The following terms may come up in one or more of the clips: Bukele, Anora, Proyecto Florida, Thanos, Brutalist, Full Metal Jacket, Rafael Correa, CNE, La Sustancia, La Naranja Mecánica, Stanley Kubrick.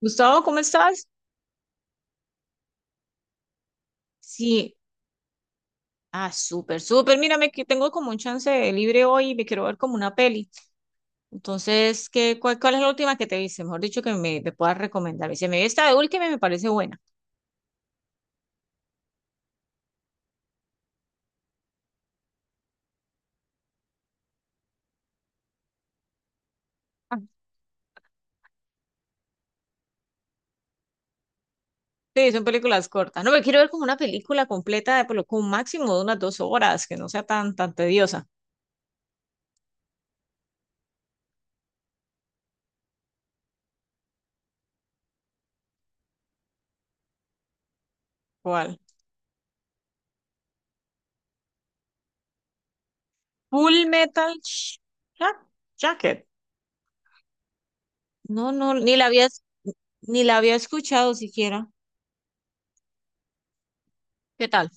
Gustavo, ¿cómo estás? Sí. Súper, súper. Mírame que tengo como un chance de libre hoy y me quiero ver como una peli. Entonces, ¿ cuál es la última que te viste? Mejor dicho, que me puedas recomendar. Y se me vi esta de última y me parece buena. Ah, Sí, son películas cortas. No, me quiero ver como una película completa con un máximo de unas dos horas, que no sea tan tediosa. ¿Cuál? Full Metal Sh- Ja- Jacket. No, ni la había escuchado siquiera. ¿Qué tal?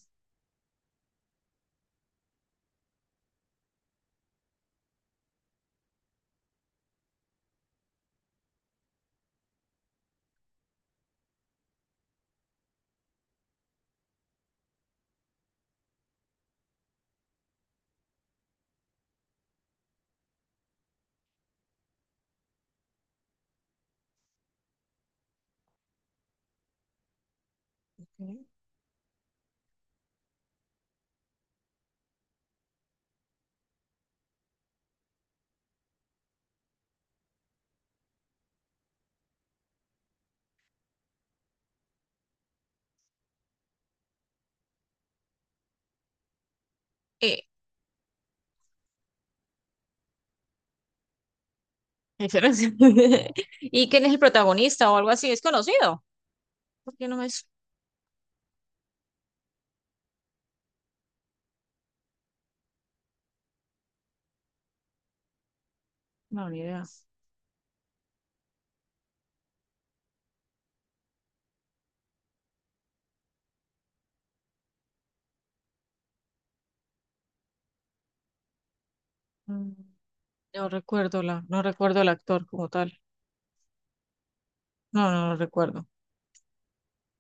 Ok. Excelente. ¿Y quién es el protagonista o algo así? ¿Es conocido? Porque no me... es No, ni idea. Mm, No recuerdo no recuerdo el actor como tal. No, no lo recuerdo.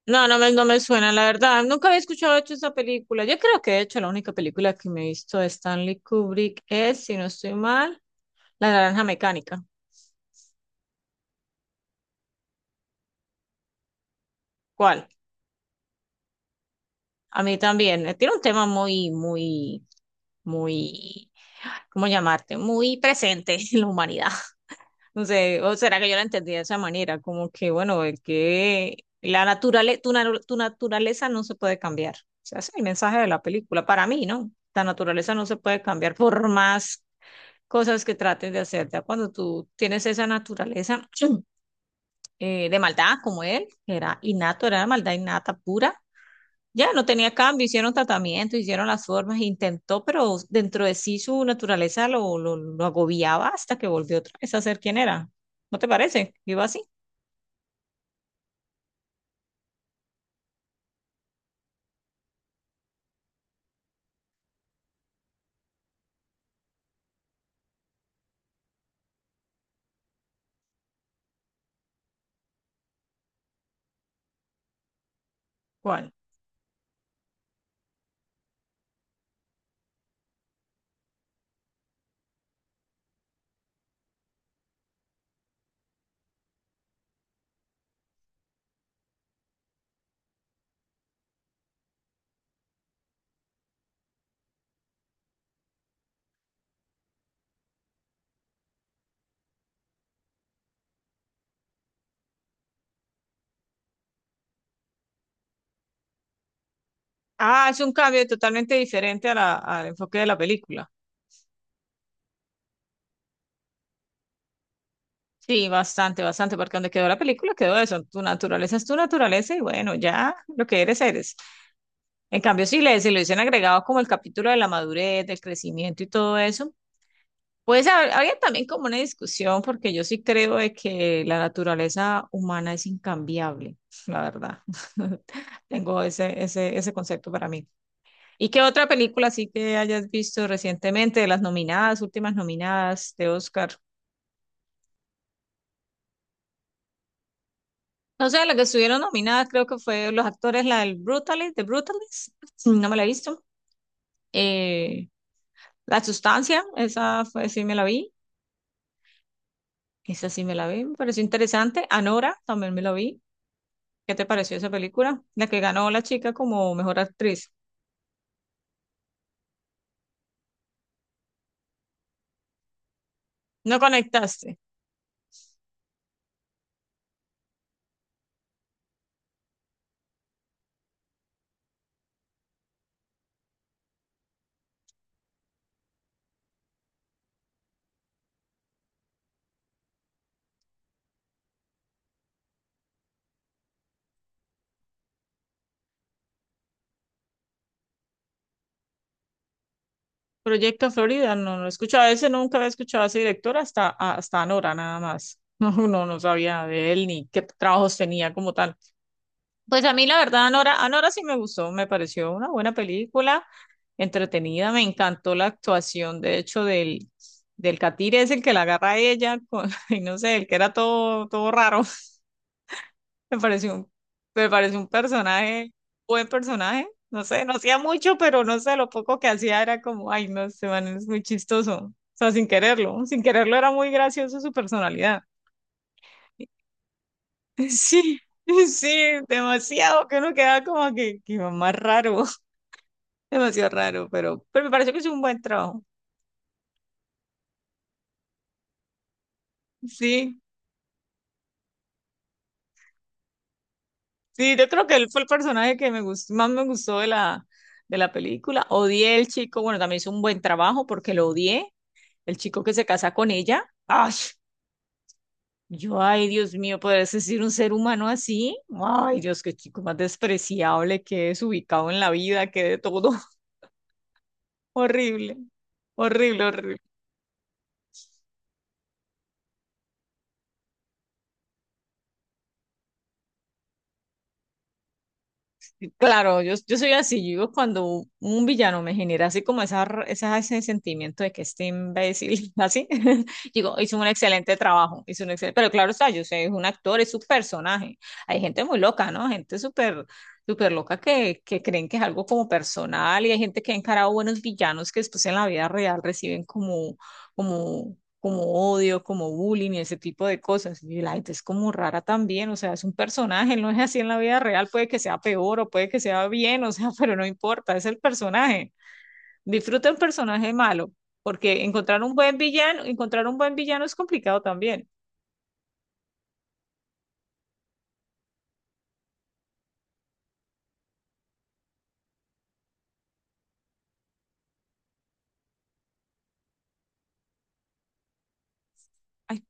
No me suena, la verdad. Nunca había escuchado de hecho esa película. Yo creo que de hecho la única película que me he visto de Stanley Kubrick es, si no estoy mal, La Naranja Mecánica. ¿Cuál? A mí también. Tiene un tema muy, ¿cómo llamarte? Muy presente en la humanidad. No sé, o será que yo la entendí de esa manera, como que, bueno, el que la naturale, tu, naru- tu naturaleza no se puede cambiar. O sea, ese es el mensaje de la película. Para mí, ¿no? La naturaleza no se puede cambiar por más cosas que trates de hacer. Ya cuando tú tienes esa naturaleza de maldad como él, que era innato, era maldad innata pura, ya no tenía cambio, hicieron tratamiento, hicieron las formas, intentó, pero dentro de sí su naturaleza lo agobiaba hasta que volvió otra vez a ser quien era. ¿No te parece? Iba así. ¿Cuál? Ah, es un cambio totalmente diferente a al enfoque de la película. Sí, bastante, porque donde quedó la película quedó eso. Tu naturaleza es tu naturaleza y bueno, ya lo que eres, eres. En cambio, si lo dicen agregado como el capítulo de la madurez, del crecimiento y todo eso, pues habría también como una discusión, porque yo sí creo de que la naturaleza humana es incambiable, la verdad. Tengo ese concepto para mí. ¿Y qué otra película sí que hayas visto recientemente de las nominadas, últimas nominadas de Oscar? No sé, la que estuvieron nominadas creo que fue los actores, la de Brutalist, no me la he visto. Eh, La Sustancia, esa fue, sí me la vi, esa sí me la vi, me pareció interesante. Anora, también me la vi. ¿Qué te pareció esa película? La que ganó la chica como mejor actriz. No conectaste. Proyecto Florida, no he escuchado ese, nunca había escuchado a ese director hasta Anora, nada más. No sabía de él ni qué trabajos tenía como tal. Pues a mí, la verdad, Anora sí me gustó, me pareció una buena película, entretenida, me encantó la actuación, de hecho, del catire es el que la agarra a ella, con, y no sé, el que era todo, todo raro. Me pareció un, me pareció un personaje, buen personaje. No sé, no hacía mucho, pero no sé, lo poco que hacía era como, ay, no, este man es muy chistoso. O sea, sin quererlo era muy gracioso su personalidad. Sí, sí, demasiado, que uno quedaba como que más raro, demasiado raro, pero me pareció que hizo un buen trabajo. Sí, sí, yo creo que él fue el personaje que me gustó, más me gustó de de la película. Odié el chico, bueno, también hizo un buen trabajo porque lo odié. El chico que se casa con ella. ¡Ay! Yo, ay, Dios mío, ¿podría existir un ser humano así? Ay, Dios, qué chico más despreciable, qué desubicado en la vida, qué de todo. Horrible, horrible, horrible. Claro, yo soy así, yo cuando un villano me genera así como ese sentimiento de que este imbécil, así, digo, hizo un excelente trabajo, hizo un excelente, pero claro está, yo sé, es un actor, es su personaje. Hay gente muy loca, ¿no? Gente súper, súper loca que creen que es algo como personal y hay gente que ha encarado buenos villanos que después en la vida real reciben como, como como odio, como bullying y ese tipo de cosas. Y la gente es como rara también, o sea, es un personaje, no es así en la vida real, puede que sea peor o puede que sea bien, o sea, pero no importa, es el personaje. Disfruta el personaje malo, porque encontrar un buen villano es complicado también. Ay,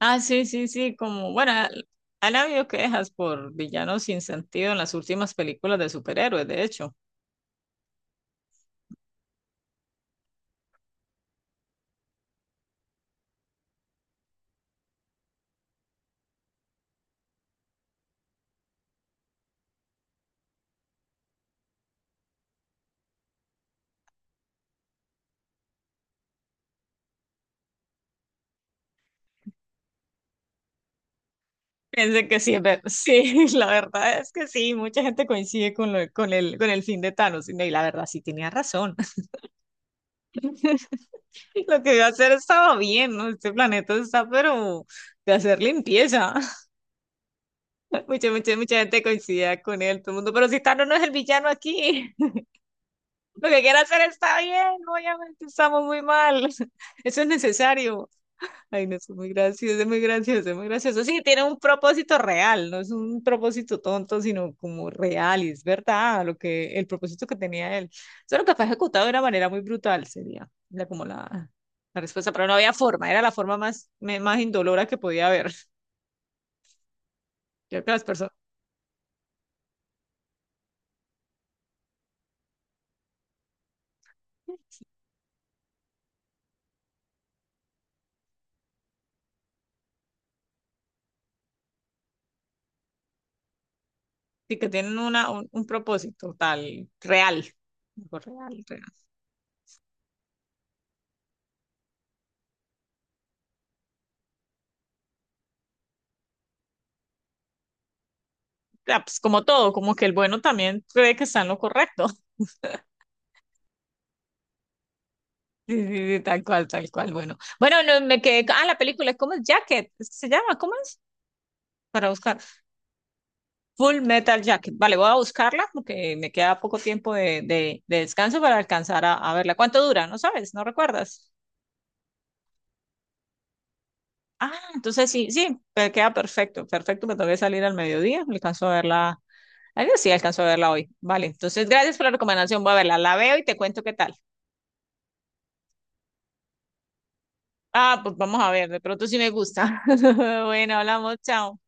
ah, sí, sí, sí, como, bueno, han habido quejas por villanos sin sentido en las últimas películas de superhéroes, de hecho. Pensé que sí, es sí, la verdad es que sí, mucha gente coincide con el fin de Thanos, y la verdad sí tenía razón. Lo que iba a hacer estaba bien, ¿no? Este planeta está, pero de hacer limpieza. Mucha gente coincidía con él, todo el mundo, pero si Thanos no es el villano aquí, lo que quiere hacer está bien, obviamente estamos muy mal, eso es necesario. Ay, no, es muy gracioso. Sí, tiene un propósito real, no es un propósito tonto, sino como real, y es verdad lo que, el propósito que tenía él. Solo que fue ejecutado de una manera muy brutal, sería como la la respuesta, pero no había forma, era la forma más indolora que podía haber. Creo que las personas sí que tienen un propósito tal, real, algo real, real. Ah, pues, como todo, como que el bueno también cree que está en lo correcto. Sí, sí, sí, tal cual. Bueno, no, me quedé. Ah, la película, ¿cómo es? Jacket, ¿se llama? ¿Cómo es? Para buscar. Full Metal Jacket. Vale, voy a buscarla porque me queda poco tiempo de descanso para alcanzar a verla. ¿Cuánto dura? No sabes, no recuerdas. Ah, entonces sí, sí, me queda perfecto, perfecto. Me tengo que salir al mediodía. Alcanzo a verla. Ay, sí, alcanzo a verla hoy. Vale, entonces gracias por la recomendación. Voy a verla, la veo y te cuento qué tal. Ah, pues vamos a ver, de pronto sí me gusta. Bueno, hablamos, chao.